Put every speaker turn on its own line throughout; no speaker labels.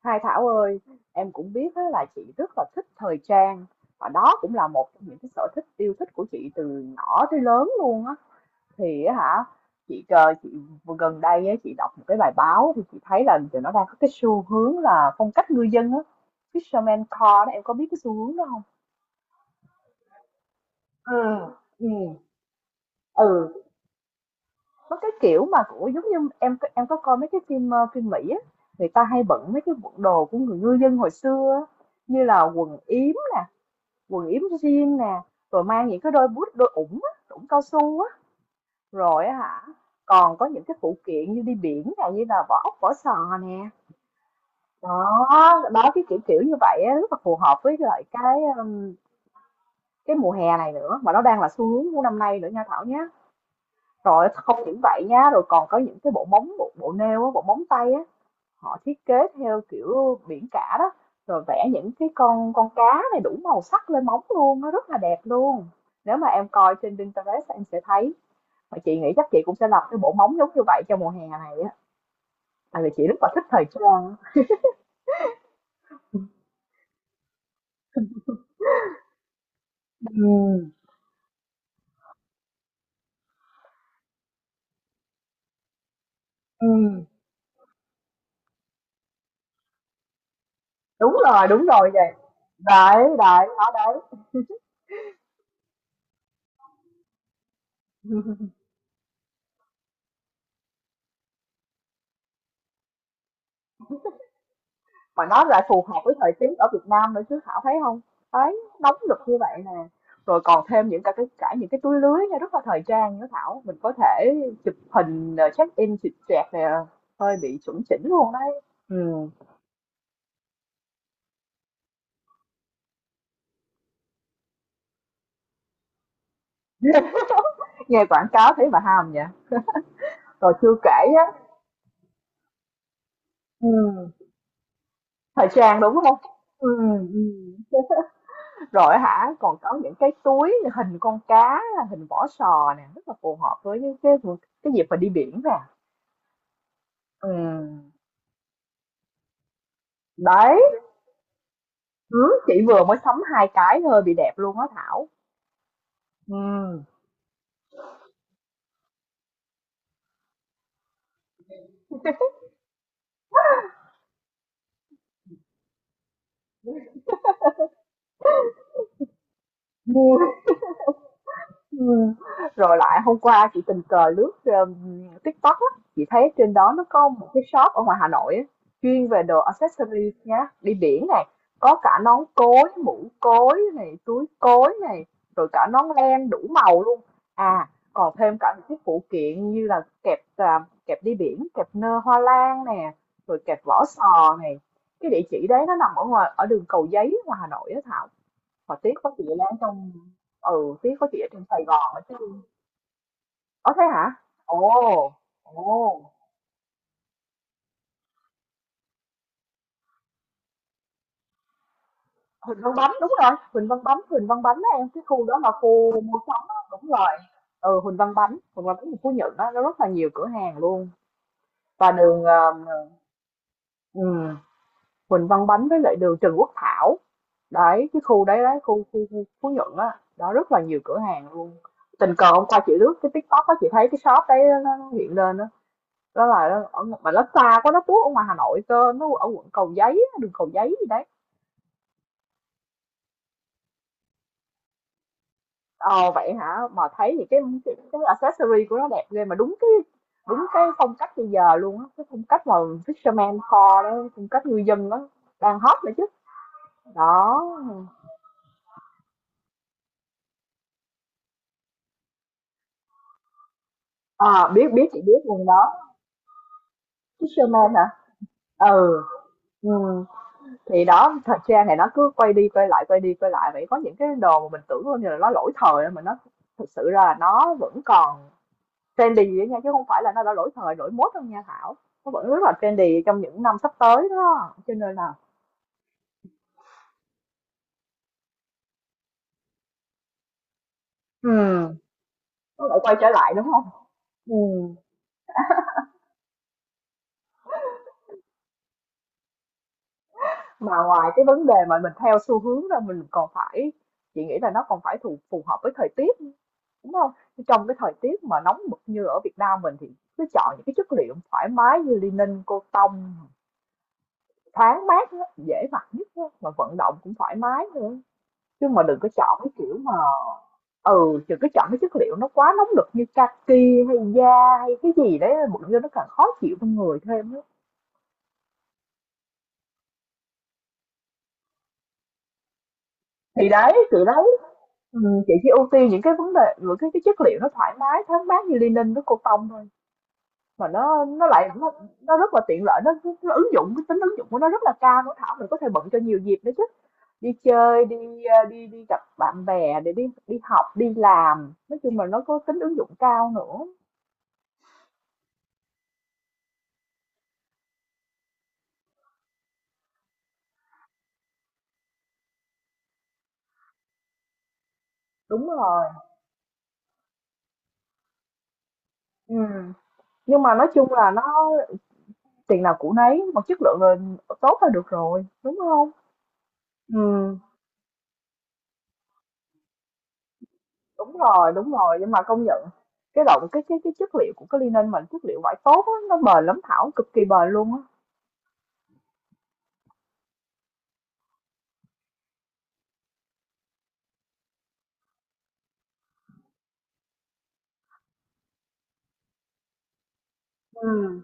Hai Thảo ơi, em cũng biết á, là chị rất là thích thời trang và đó cũng là một trong những cái sở thích yêu thích của chị từ nhỏ tới lớn luôn á. Thì á hả, chị vừa gần đây á, chị đọc một cái bài báo thì chị thấy là giờ nó đang có cái xu hướng là phong cách ngư dân á, fisherman core đó, em có biết cái xu hướng đó không? Ừ, nó cái kiểu mà của giống như em có coi mấy cái phim phim Mỹ á, người ta hay bận mấy cái bộ đồ của người ngư dân hồi xưa á, như là quần yếm, quần yếm jean nè, rồi mang những cái đôi boot, đôi ủng á, ủng cao su á, rồi á hả, còn có những cái phụ kiện như đi biển nè, như là vỏ ốc, vỏ sò nè, đó đó, cái kiểu kiểu như vậy á, rất là phù hợp với lại cái mùa hè này nữa, mà nó đang là xu hướng của năm nay nữa nha Thảo nhé. Rồi không những vậy nha, rồi còn có những cái bộ móng bộ, bộ nêu á, bộ móng tay á, họ thiết kế theo kiểu biển cả đó, rồi vẽ những cái con cá này đủ màu sắc lên móng luôn, nó rất là đẹp luôn. Nếu mà em coi trên Pinterest em sẽ thấy, mà chị nghĩ chắc chị cũng sẽ lập cái bộ móng giống như vậy cho mùa hè này á, tại vì chị rất là thích thời trang. Ừ, ừ. Đúng rồi đúng rồi, vậy đấy đấy, nó đấy. Mà nó lại phù hợp với thời tiết ở Việt Nam nữa chứ Thảo thấy không? Đấy, nóng nực như vậy nè, rồi còn thêm những cả cái cả những cái túi lưới nghe rất là thời trang nữa Thảo, mình có thể chụp hình, check-in chụp choẹt nè, hơi bị chuẩn chỉnh luôn đấy. Ừm. Nghe quảng cáo thấy mà ham vậy. Rồi chưa kể á, ừm, thời trang, đúng không? Ừm, ừm, rồi hả, còn có những cái túi hình con cá, hình vỏ sò nè, rất là phù hợp với cái dịp mà đi biển nè. Ừm, đấy. Hứ, chị vừa mới sắm 2 cái thôi, bị đẹp luôn á Thảo. Ừm. Ừm, rồi lại hôm qua chị tình cờ lướt, TikTok á, chị thấy trên đó nó có một cái shop ở ngoài Hà Nội á, chuyên về đồ accessories nhá, đi biển này, có cả nón cối, mũ cối này, túi cối này, rồi cả nón len đủ màu luôn. À, còn thêm cả những cái phụ kiện như là kẹp à, kẹp đi biển, kẹp nơ hoa lan nè, rồi kẹp vỏ sò này. Cái địa chỉ đấy nó nằm ở ngoài ở đường Cầu Giấy ngoài Hà Nội á Thảo. Hồi tiếc có chị là ở trong, ừ, tiếc có chị ở trong Sài Gòn á chứ. Ở thế hả? Ồ, ồ, Huỳnh Văn Bánh đúng rồi, Huỳnh Văn Bánh, Huỳnh Văn Bánh á em, cái khu đó là khu mua sắm á, đúng rồi. Ừ, Huỳnh Văn Bánh, Huỳnh Văn Bánh ở Phú Nhuận đó, nó rất là nhiều cửa hàng luôn. Và đường ừ, Huỳnh Văn Bánh với lại đường Trần Quốc Thảo. Đấy, cái khu đấy đấy, khu khu, khu Phú Nhuận á, đó rất là nhiều cửa hàng luôn. Tình cờ hôm qua chị lướt cái TikTok á, chị thấy cái shop đấy nó hiện lên á. Đó là nó ở mà nó xa quá, nó tuốt ở ngoài Hà Nội cơ, nó ở quận Cầu Giấy, á, đường Cầu Giấy gì đấy. Ờ vậy hả? Mà thấy thì cái accessory của nó đẹp ghê mà đúng cái phong cách bây giờ luôn á, cái phong cách mà fisherman kho đó, phong cách ngư dân đó, đang hot nữa chứ. Đó. À biết biết, chị biết luôn đó. Fisherman hả? Ừ. Ừ. Thì đó, thời trang này nó cứ quay đi quay lại, vậy có những cái đồ mà mình tưởng như là nó lỗi thời mà nó thực sự ra là nó vẫn còn trendy đó nha, chứ không phải là nó đã lỗi thời lỗi mốt đâu nha Thảo, nó vẫn rất là trendy trong những năm sắp tới đó, cho nên là. Ừ, nó lại quay trở lại đúng không? Ừ, mà ngoài cái vấn đề mà mình theo xu hướng ra mình còn phải, chị nghĩ là nó còn phải phù phù hợp với thời tiết, đúng không? Trong cái thời tiết mà nóng bực như ở Việt Nam mình thì cứ chọn những cái chất liệu thoải mái như linen, cotton, thoáng mát á, dễ mặc nhất á, mà vận động cũng thoải mái nữa, chứ mà đừng có chọn cái kiểu mà, ừ, đừng có chọn cái chất liệu nó quá nóng nực như kaki hay da hay cái gì đấy bụng vô nó càng khó chịu trong người thêm á. Thì đấy từ đấy, ừ, chị chỉ ưu tiên những cái vấn đề, những cái chất liệu nó thoải mái thoáng mát như linen với cotton thôi, mà nó rất là tiện lợi, nó ứng dụng, cái tính ứng dụng của nó rất là cao, nó Thảo, mình có thể bận cho nhiều dịp nữa chứ, đi chơi, đi đi gặp bạn bè, để đi đi học đi làm, nói chung là nó có tính ứng dụng cao nữa. Đúng rồi, ừ, nhưng mà nói chung là nó tiền nào của nấy, mà chất lượng là tốt là được rồi đúng không? Ừ, đúng rồi đúng rồi, nhưng mà công nhận cái chất liệu của cái linen, mình chất liệu vải tốt á, nó bền lắm Thảo, cực kỳ bền luôn á. Ừ,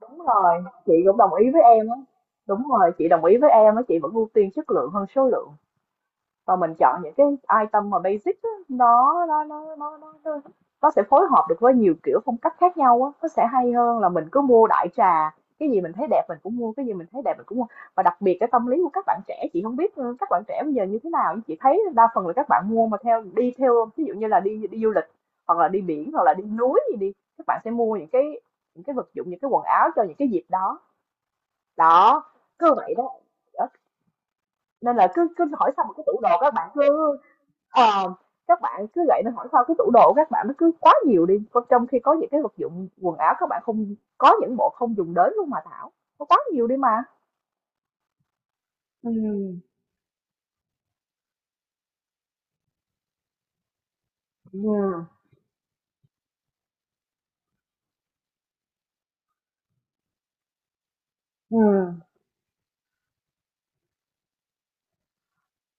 đúng rồi chị cũng đồng ý với em á. Đúng rồi, chị đồng ý với em á, chị vẫn ưu tiên chất lượng hơn số lượng, và mình chọn những cái item mà basic đó, nó sẽ phối hợp được với nhiều kiểu phong cách khác nhau á, nó sẽ hay hơn là mình cứ mua đại trà, cái gì mình thấy đẹp mình cũng mua, cái gì mình thấy đẹp mình cũng mua và đặc biệt cái tâm lý của các bạn trẻ, chị không biết, ừ, các bạn trẻ bây giờ như thế nào, nhưng chị thấy đa phần là các bạn mua mà theo, đi theo ví dụ như là đi đi du lịch, hoặc là đi biển hoặc là đi núi gì đi, các bạn sẽ mua những cái, những cái vật dụng, những cái quần áo cho những cái dịp đó. Đó cứ vậy. Đó. Nên là cứ cứ hỏi xong một cái tủ đồ, các bạn cứ, Ờ, các bạn cứ gậy, nó hỏi sao cái tủ đồ của các bạn nó cứ quá nhiều đi, còn trong khi có những cái vật dụng quần áo, các bạn không có, những bộ không dùng đến luôn mà Thảo, nó quá nhiều đi mà. Ừ. Ừ. Ừ.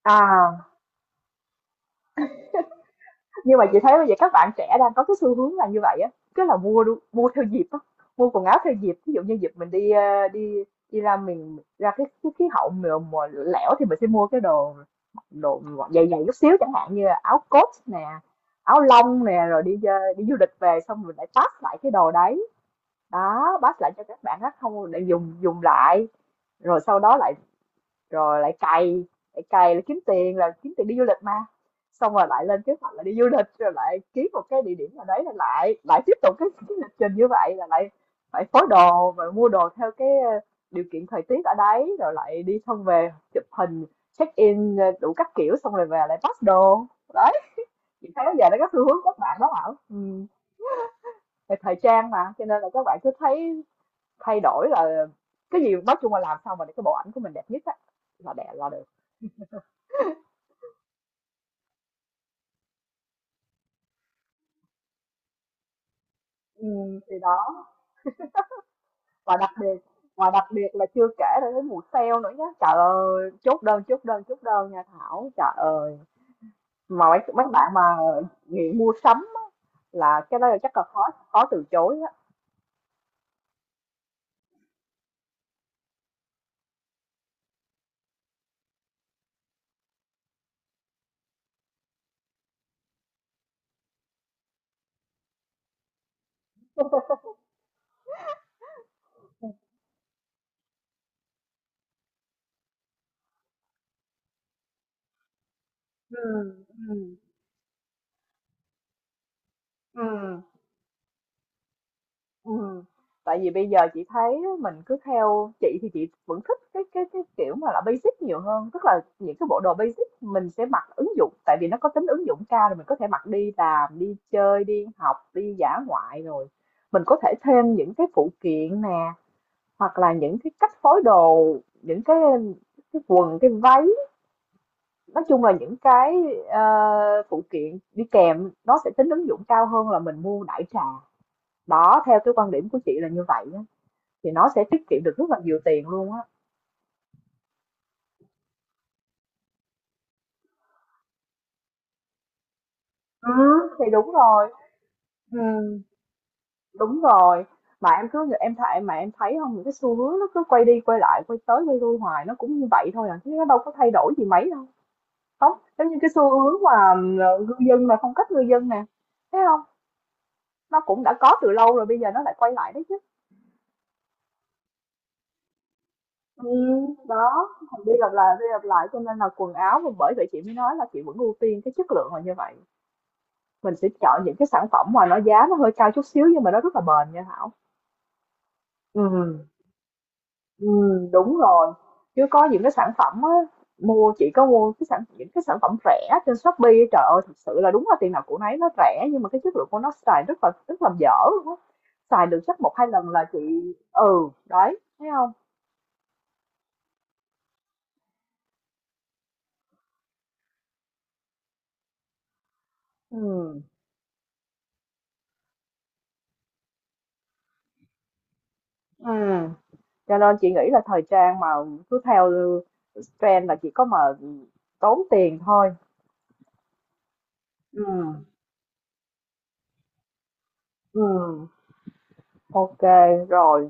À. Nhưng mà chị thấy bây giờ các bạn trẻ đang có cái xu hướng là như vậy á, cứ là mua, mua theo dịp á, mua quần áo theo dịp. Ví dụ như dịp mình đi đi đi ra miền, ra cái khí hậu mùa lẻo thì mình sẽ mua cái đồ, đồ dày dày chút xíu, chẳng hạn như là áo coat nè, áo lông nè, rồi đi đi du lịch về xong mình lại pass lại cái đồ đấy. Đó, pass lại cho các bạn khác không để dùng dùng lại, rồi sau đó lại, rồi lại cày là kiếm tiền, đi du lịch mà, xong rồi lại lên kế hoạch là đi du lịch, rồi lại kiếm một cái địa điểm nào đấy, là lại lại tiếp tục cái lịch trình như vậy, là lại phải phối đồ và mua đồ theo cái điều kiện thời tiết ở đấy, rồi lại đi xong về chụp hình, check in, đủ các kiểu, xong rồi về lại pack đồ. Đấy, chị thấy bây giờ nó có xu hướng các bạn đó Thảo, ừ, về thời trang mà, cho nên là các bạn cứ thấy thay đổi là cái gì, nói chung là làm sao mà để cái bộ ảnh của mình đẹp nhất á, là đẹp là được. Thì đó, và đặc biệt và đặc biệt là chưa kể là cái mùa sale nữa nhá. Trời ơi, chốt đơn, chốt đơn, chốt đơn nha Thảo. Trời ơi, mà mấy mấy bạn mà nghiện mua sắm á, là cái đó là chắc là khó khó từ chối á. Ừm, ừm, ừm. Ừ. Tại vì bây giờ chị thấy mình cứ theo, chị thì chị vẫn thích cái kiểu mà là basic nhiều hơn, tức là những cái bộ đồ basic mình sẽ mặc ứng dụng, tại vì nó có tính ứng dụng cao, rồi mình có thể mặc đi làm, đi chơi, đi học, đi dã ngoại, rồi mình có thể thêm những cái phụ kiện nè, hoặc là những cái cách phối đồ, những cái quần, cái váy, nói chung là những cái ờ, phụ kiện đi kèm, nó sẽ tính ứng dụng cao hơn là mình mua đại trà, đó theo cái quan điểm của chị là như vậy á, thì nó sẽ tiết kiệm được rất là nhiều tiền luôn á. Ừ, thì đúng rồi. Ừm. Đúng rồi, mà em cứ, em thấy mà, em thấy không, những cái xu hướng nó cứ quay đi quay lại, quay tới quay lui hoài, nó cũng như vậy thôi à, chứ nó đâu có thay đổi gì mấy đâu. Không, giống như cái xu hướng mà, ờ, ngư dân mà, phong cách ngư dân nè, thấy không? Nó cũng đã có từ lâu rồi, bây giờ nó lại quay lại đấy chứ. Ừ, đó, lặp đi lặp lại, cho nên là quần áo, bởi vậy chị mới nói là chị vẫn ưu tiên cái chất lượng là như vậy. Mình sẽ chọn những cái sản phẩm mà nó giá nó hơi cao chút xíu, nhưng mà nó rất là bền nha Thảo. Ừ. Ừ, đúng rồi. Chứ có những cái sản phẩm á, mua chỉ có mua cái sản những cái sản phẩm rẻ trên Shopee, trời ơi, thật sự là đúng là tiền nào của nấy, nó rẻ nhưng mà cái chất lượng của nó xài rất là dở luôn á. Xài được chắc một hai lần là chị, đấy thấy không? Ừ. Ừ. Cho nên chị nghĩ là thời trang mà cứ theo trend là chỉ có mà tốn tiền thôi. Ừ. Ừ. OK rồi.